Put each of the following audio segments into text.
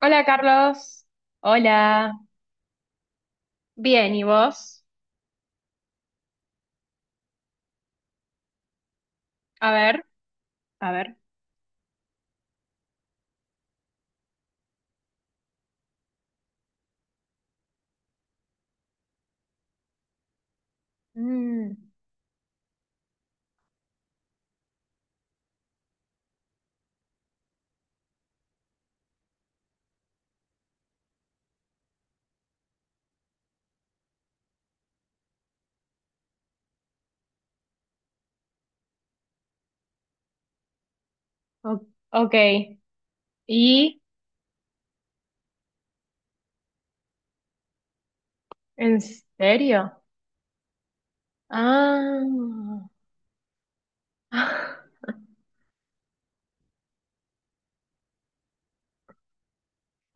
Hola Carlos. Hola. Bien, ¿y vos? A ver, a ver. Mm, o- ok. ¿Y en serio? Ah.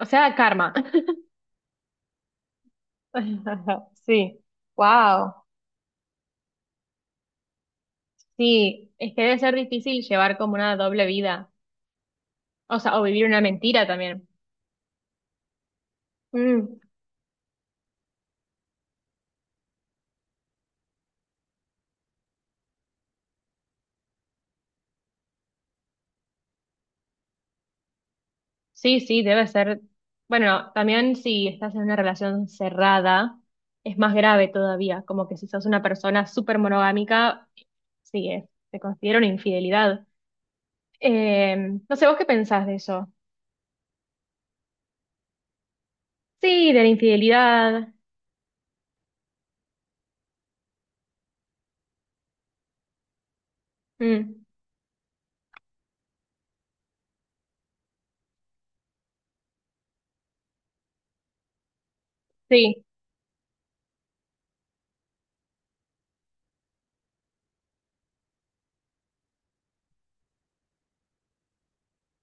O sea, karma. Sí. Wow. Sí, es que debe ser difícil llevar como una doble vida. O sea, o vivir una mentira también. Mm. Sí, sí, debe ser. Bueno, también si estás en una relación cerrada, es más grave todavía, como que si sos una persona súper monogámica, sí, es- te considero una infidelidad. Eh, no sé, ¿vos qué pensás de eso? Sí, de la infidelidad. Mm, sí,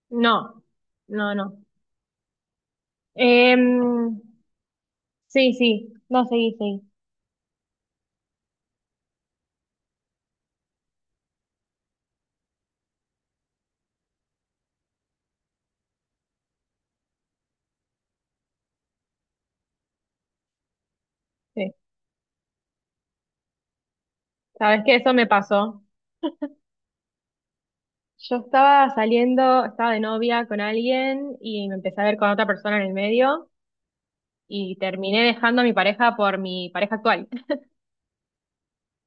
no, no, no. Em, sí, sí, no, seguí, seguí. Sí. ¿Sabes qué? Eso me pasó. Yo estaba saliendo, estaba de novia con alguien y me empecé a ver con otra persona en el medio. Y terminé dejando a mi pareja por mi pareja actual.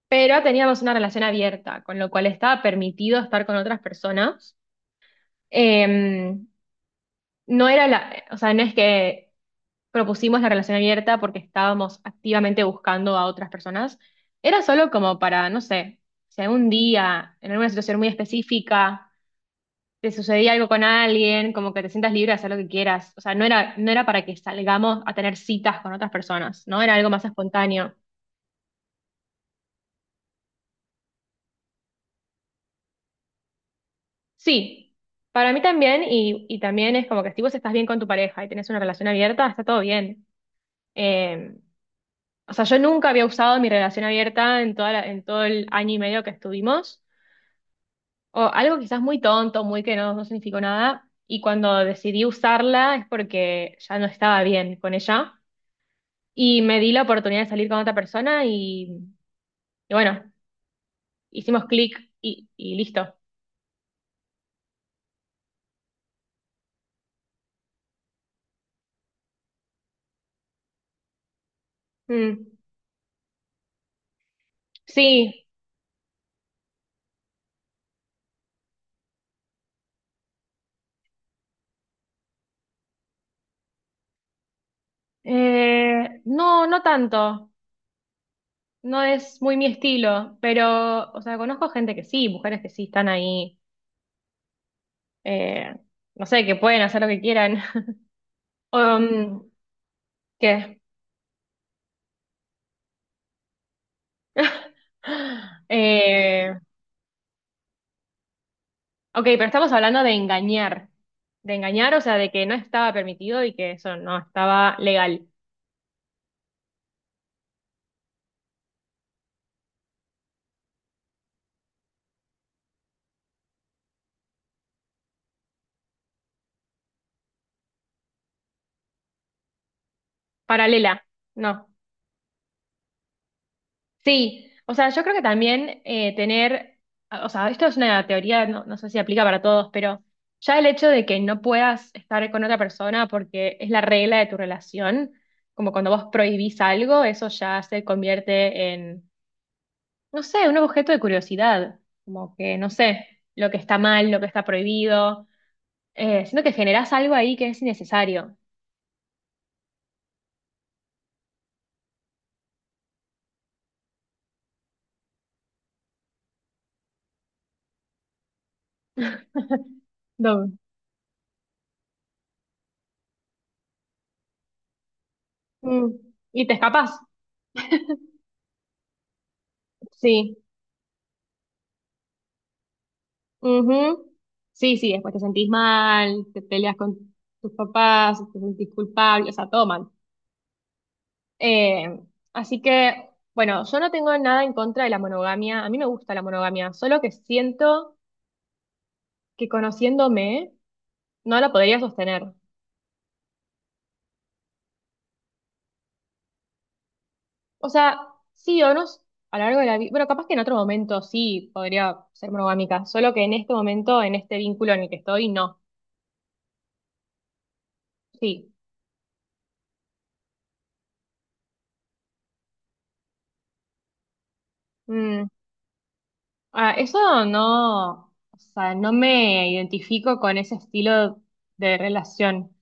Pero teníamos una relación abierta, con lo cual estaba permitido estar con otras personas. Eh, no era la, o sea, no es que propusimos la relación abierta porque estábamos activamente buscando a otras personas. Era solo como para, no sé, si algún día, en alguna situación muy específica, te sucedía algo con alguien, como que te sientas libre de hacer lo que quieras. O sea, no era, no era para que salgamos a tener citas con otras personas, ¿no? Era algo más espontáneo. Sí, para mí también, y también es como que si vos estás bien con tu pareja y tenés una relación abierta, está todo bien. Eh, o sea, yo nunca había usado mi relación abierta en toda en todo el año y medio que estuvimos, o algo quizás muy tonto, muy que no, no significó nada, y cuando decidí usarla es porque ya no estaba bien con ella, y me di la oportunidad de salir con otra persona y bueno, hicimos clic y listo. Mm, sí, no, no tanto. No es muy mi estilo, pero, o sea, conozco gente que sí, mujeres que sí están ahí, eh, no sé, que pueden hacer lo que quieran. Um, ¿qué? Eh, ok, pero estamos hablando de engañar. De engañar, o sea, de que no estaba permitido y que eso no estaba legal. Paralela, no. Sí, o sea, yo creo que también o sea, esto es una teoría, no, no sé si aplica para todos, pero ya el hecho de que no puedas estar con otra persona porque es la regla de tu relación, como cuando vos prohibís algo, eso ya se convierte en, no sé, un objeto de curiosidad, como que, no sé, lo que está mal, lo que está prohibido, siento que generás algo ahí que es innecesario. No. Mm. Y te escapas. Ujú. Sí, sí, después te sentís mal, te peleas con tus papás, te sentís culpable, o sea, todo mal. Eh, así que, bueno, yo no tengo nada en contra de la monogamia, a mí me gusta la monogamia, solo que siento que conociéndome no la podría sostener. O sea, sí o no, a lo largo de la vida, bueno, capaz que en otro momento sí podría ser monogámica, solo que en este momento, en este vínculo en el que estoy, no. Sí. Mm, ah, eso no, o sea, no me identifico con ese estilo de relación.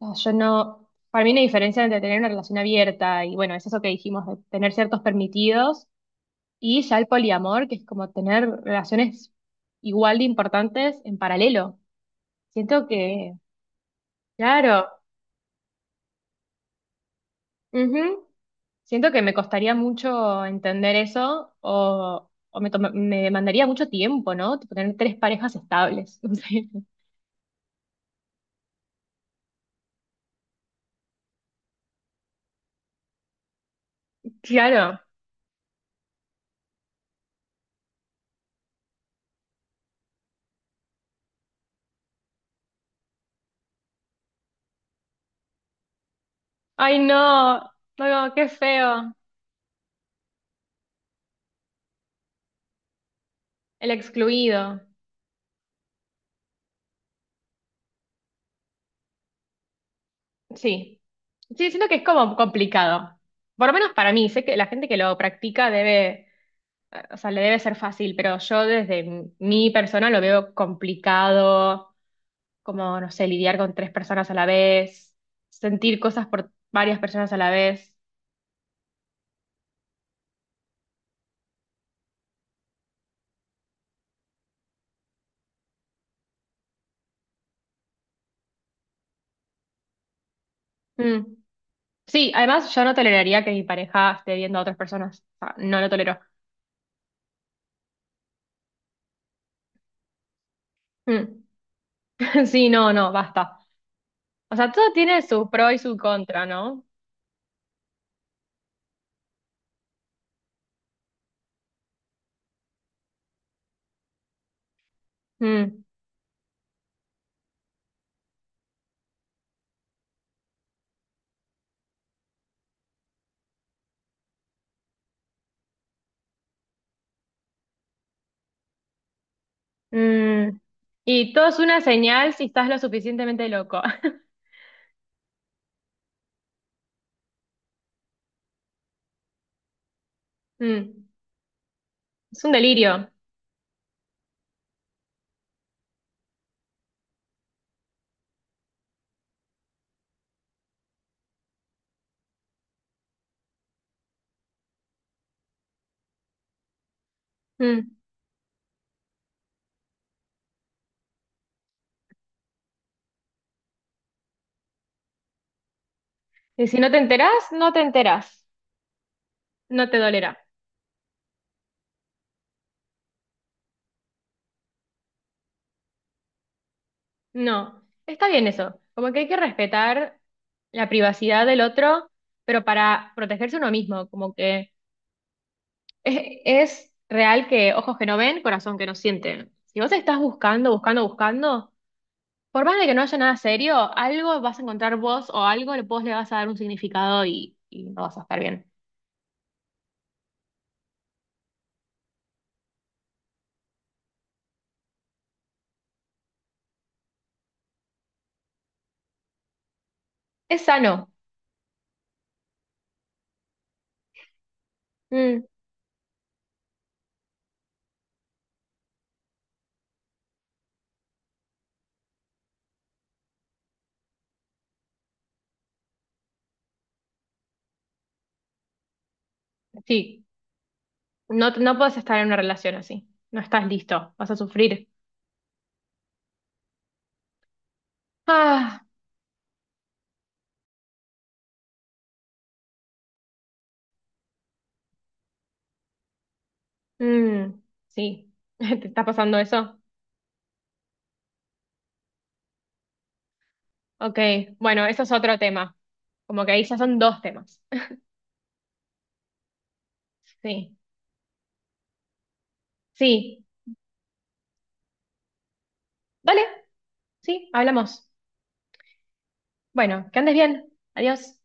No, yo no, para mí una diferencia entre tener una relación abierta y bueno, es eso que dijimos, de tener ciertos permitidos y ya el poliamor, que es como tener relaciones igual de importantes en paralelo. Siento que, claro, ujú, siento que me costaría mucho entender eso o, me demandaría mucho tiempo, ¿no? Tipo, tener tres parejas estables. No sé. Claro. Ay, no, no, qué feo. El excluido. Sí. Sí, siento que es como complicado. Por lo menos para mí, sé que la gente que lo practica debe, o sea, le debe ser fácil, pero yo desde mi persona lo veo complicado, como, no sé, lidiar con tres personas a la vez, sentir cosas por varias personas a la vez. Mm. Sí, además yo no toleraría que mi pareja esté viendo a otras personas. O sea, no lo tolero. Mm. Sí, no, no, basta. O sea, todo tiene su pro y su contra, ¿no? Mm, mm. Y todo es una señal si estás lo suficientemente loco. Mm, es un delirio. Mm. Y si no te enterás, no te enterás. No te dolerá. No. Está bien eso. Como que hay que respetar la privacidad del otro, pero para protegerse uno mismo. Como que es, es real que ojos que no ven, corazón que no siente. Si vos estás buscando, buscando, buscando. Por más de que no haya nada serio, algo vas a encontrar vos o algo le- vos le vas a dar un significado y no vas a estar bien. Es sano. Mm, sí. No, no puedes estar en una relación así. No estás listo. Vas a sufrir. Ah, mm, sí. ¿Te está pasando eso? Ok. Bueno, eso es otro tema. Como que ahí ya son dos temas. Sí. Sí. Vale. Sí, hablamos. Bueno, que andes bien. Adiós.